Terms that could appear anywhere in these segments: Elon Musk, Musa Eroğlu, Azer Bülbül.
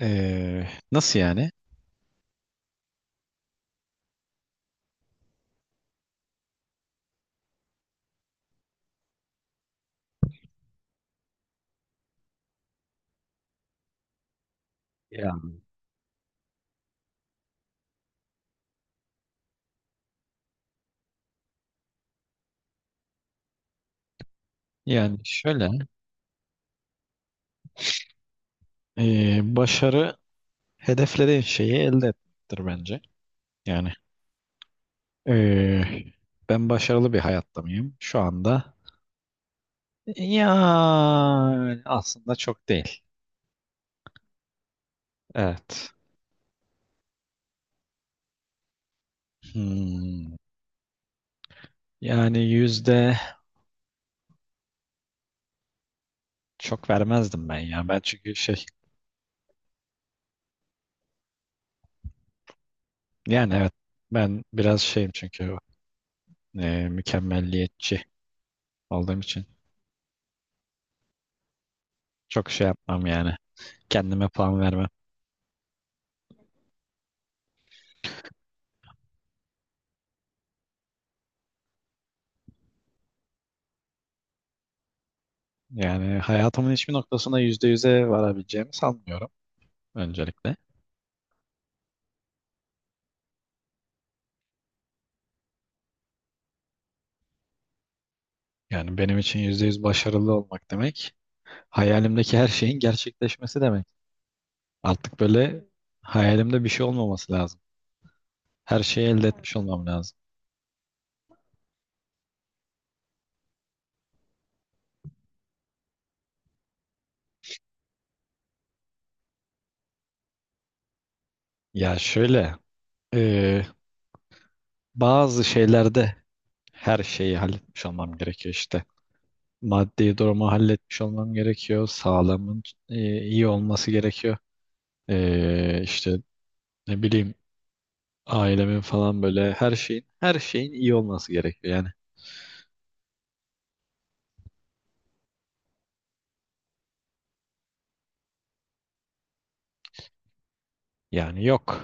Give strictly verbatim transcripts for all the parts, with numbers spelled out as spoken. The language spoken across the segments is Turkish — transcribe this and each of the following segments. Ee, nasıl yani? Ya. Yani şöyle, ee, başarı hedeflediğin şeyi elde etmektir bence. Yani ee, ben başarılı bir hayatta mıyım şu anda? Yani aslında çok değil. Evet. Hmm, yani yüzde çok vermezdim ben ya. Ben çünkü şey, yani evet ben biraz şeyim çünkü ee, mükemmelliyetçi olduğum için çok şey yapmam yani. Kendime puan vermem. Yani hayatımın hiçbir noktasına yüzde yüze varabileceğimi sanmıyorum öncelikle. Yani benim için yüzde yüz başarılı olmak demek hayalimdeki her şeyin gerçekleşmesi demek. Artık böyle hayalimde bir şey olmaması lazım. Her şeyi elde etmiş olmam lazım. Ya şöyle e, bazı şeylerde her şeyi halletmiş olmam gerekiyor işte. Maddi durumu halletmiş olmam gerekiyor. Sağlamın e, iyi olması gerekiyor. E, işte ne bileyim, ailemin falan böyle her şeyin her şeyin iyi olması gerekiyor yani. Yani yok.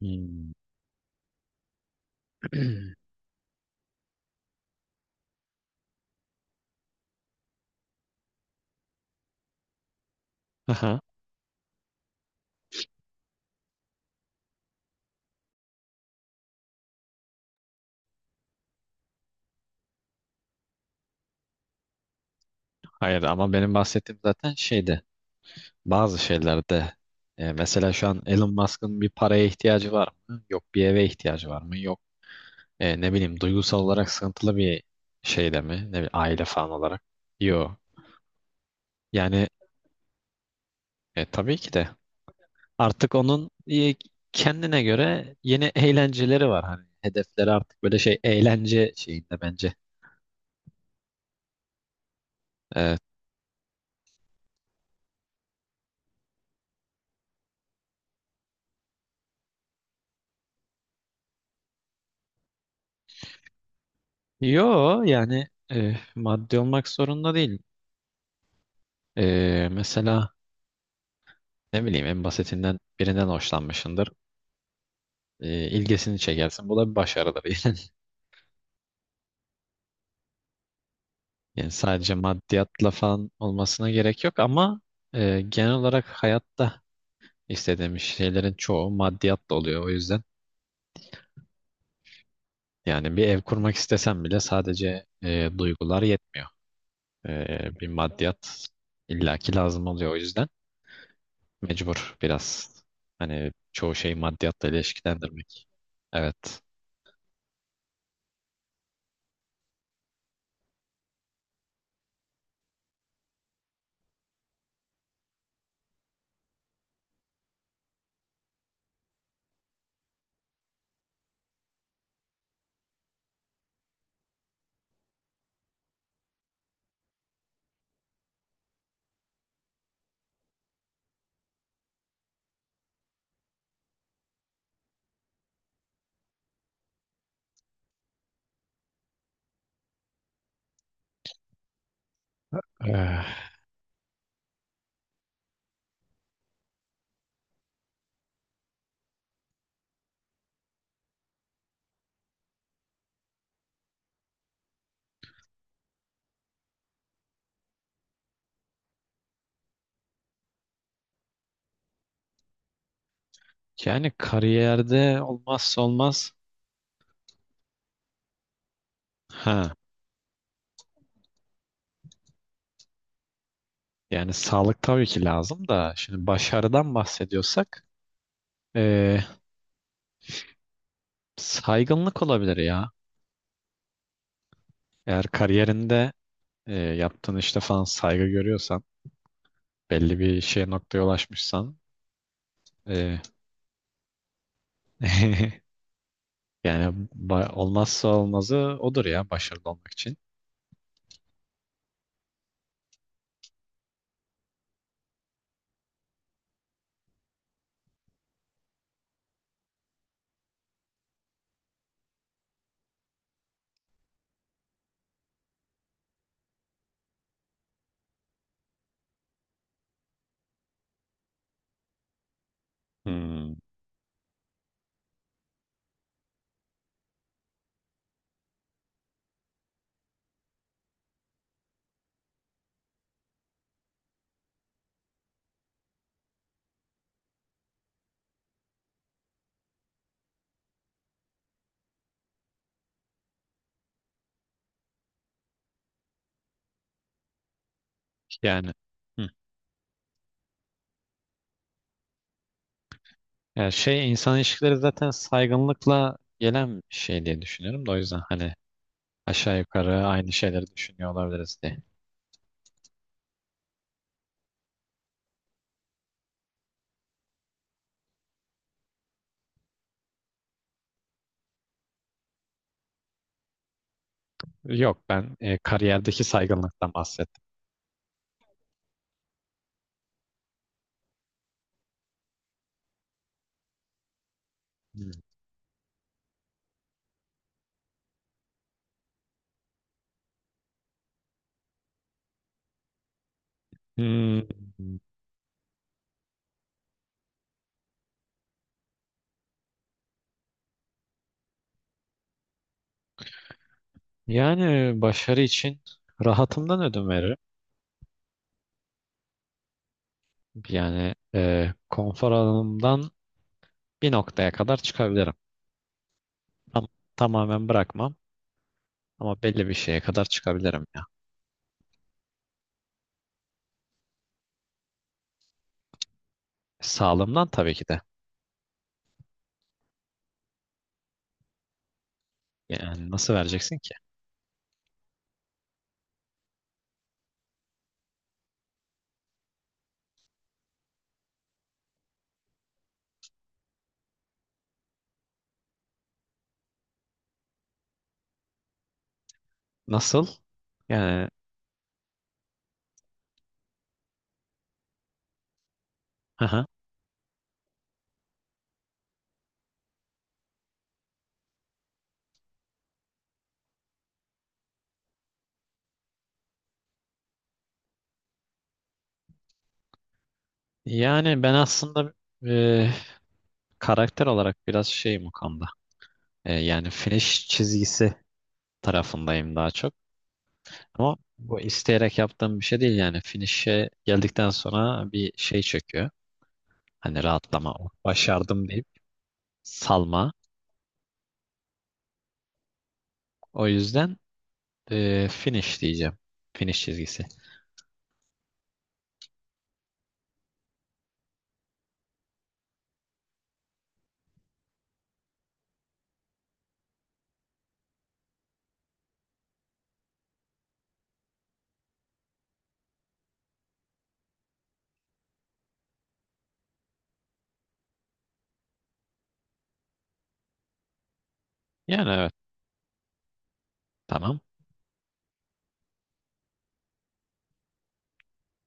Hmm. Aha. Hayır, ama benim bahsettiğim zaten şeyde, bazı şeylerde, e, mesela şu an Elon Musk'ın bir paraya ihtiyacı var mı? Yok. Bir eve ihtiyacı var mı? Yok. E, ne bileyim, duygusal olarak sıkıntılı bir şeyde mi? Ne bileyim, aile falan olarak. Yok. Yani e, tabii ki de artık onun, e, kendine göre yeni eğlenceleri var. Hani hedefleri artık böyle şey, eğlence şeyinde bence. E, Yo yani e, maddi olmak zorunda değil. E, mesela ne bileyim, en basitinden birinden hoşlanmışsındır. E, ilgisini çekersin. Bu da bir başarıdır. Yani sadece maddiyatla falan olmasına gerek yok ama e, genel olarak hayatta istediğimiz şeylerin çoğu maddiyatla oluyor. O yüzden yani bir ev kurmak istesem bile sadece e, duygular yetmiyor. E, bir maddiyat illaki lazım oluyor o yüzden. Mecbur biraz. Hani çoğu şeyi maddiyatla ilişkilendirmek. Evet. Eh, Yani kariyerde olmazsa olmaz. Ha, yani sağlık tabii ki lazım da şimdi başarıdan bahsediyorsak eh, saygınlık olabilir ya. Eğer kariyerinde eh, yaptığın işte falan saygı görüyorsan, belli bir şeye, noktaya ulaşmışsan, eh, yani ba- olmazsa olmazı odur ya başarılı olmak için. Hmm, yani hı. Yani şey, insan ilişkileri zaten saygınlıkla gelen bir şey diye düşünüyorum da o yüzden hani aşağı yukarı aynı şeyleri düşünüyor olabiliriz diye. Yok, ben e, kariyerdeki saygınlıktan bahsettim. Hmm, yani e, başarı için rahatımdan ödün veririm. Yani e, konfor alanımdan bir noktaya kadar çıkabilirim. Tam, tamamen bırakmam ama belli bir şeye kadar çıkabilirim ya. Sağlığımdan tabii ki de. Yani nasıl vereceksin ki? Nasıl? Yani aha. Yani ben aslında e, karakter olarak biraz şeyim o konuda. E, yani finish çizgisi tarafındayım daha çok. Ama bu isteyerek yaptığım bir şey değil yani. Finish'e geldikten sonra bir şey çöküyor. Hani rahatlama, "Oh, başardım," deyip salma. O yüzden e, finish diyeceğim. Finish çizgisi. Yani evet, tamam.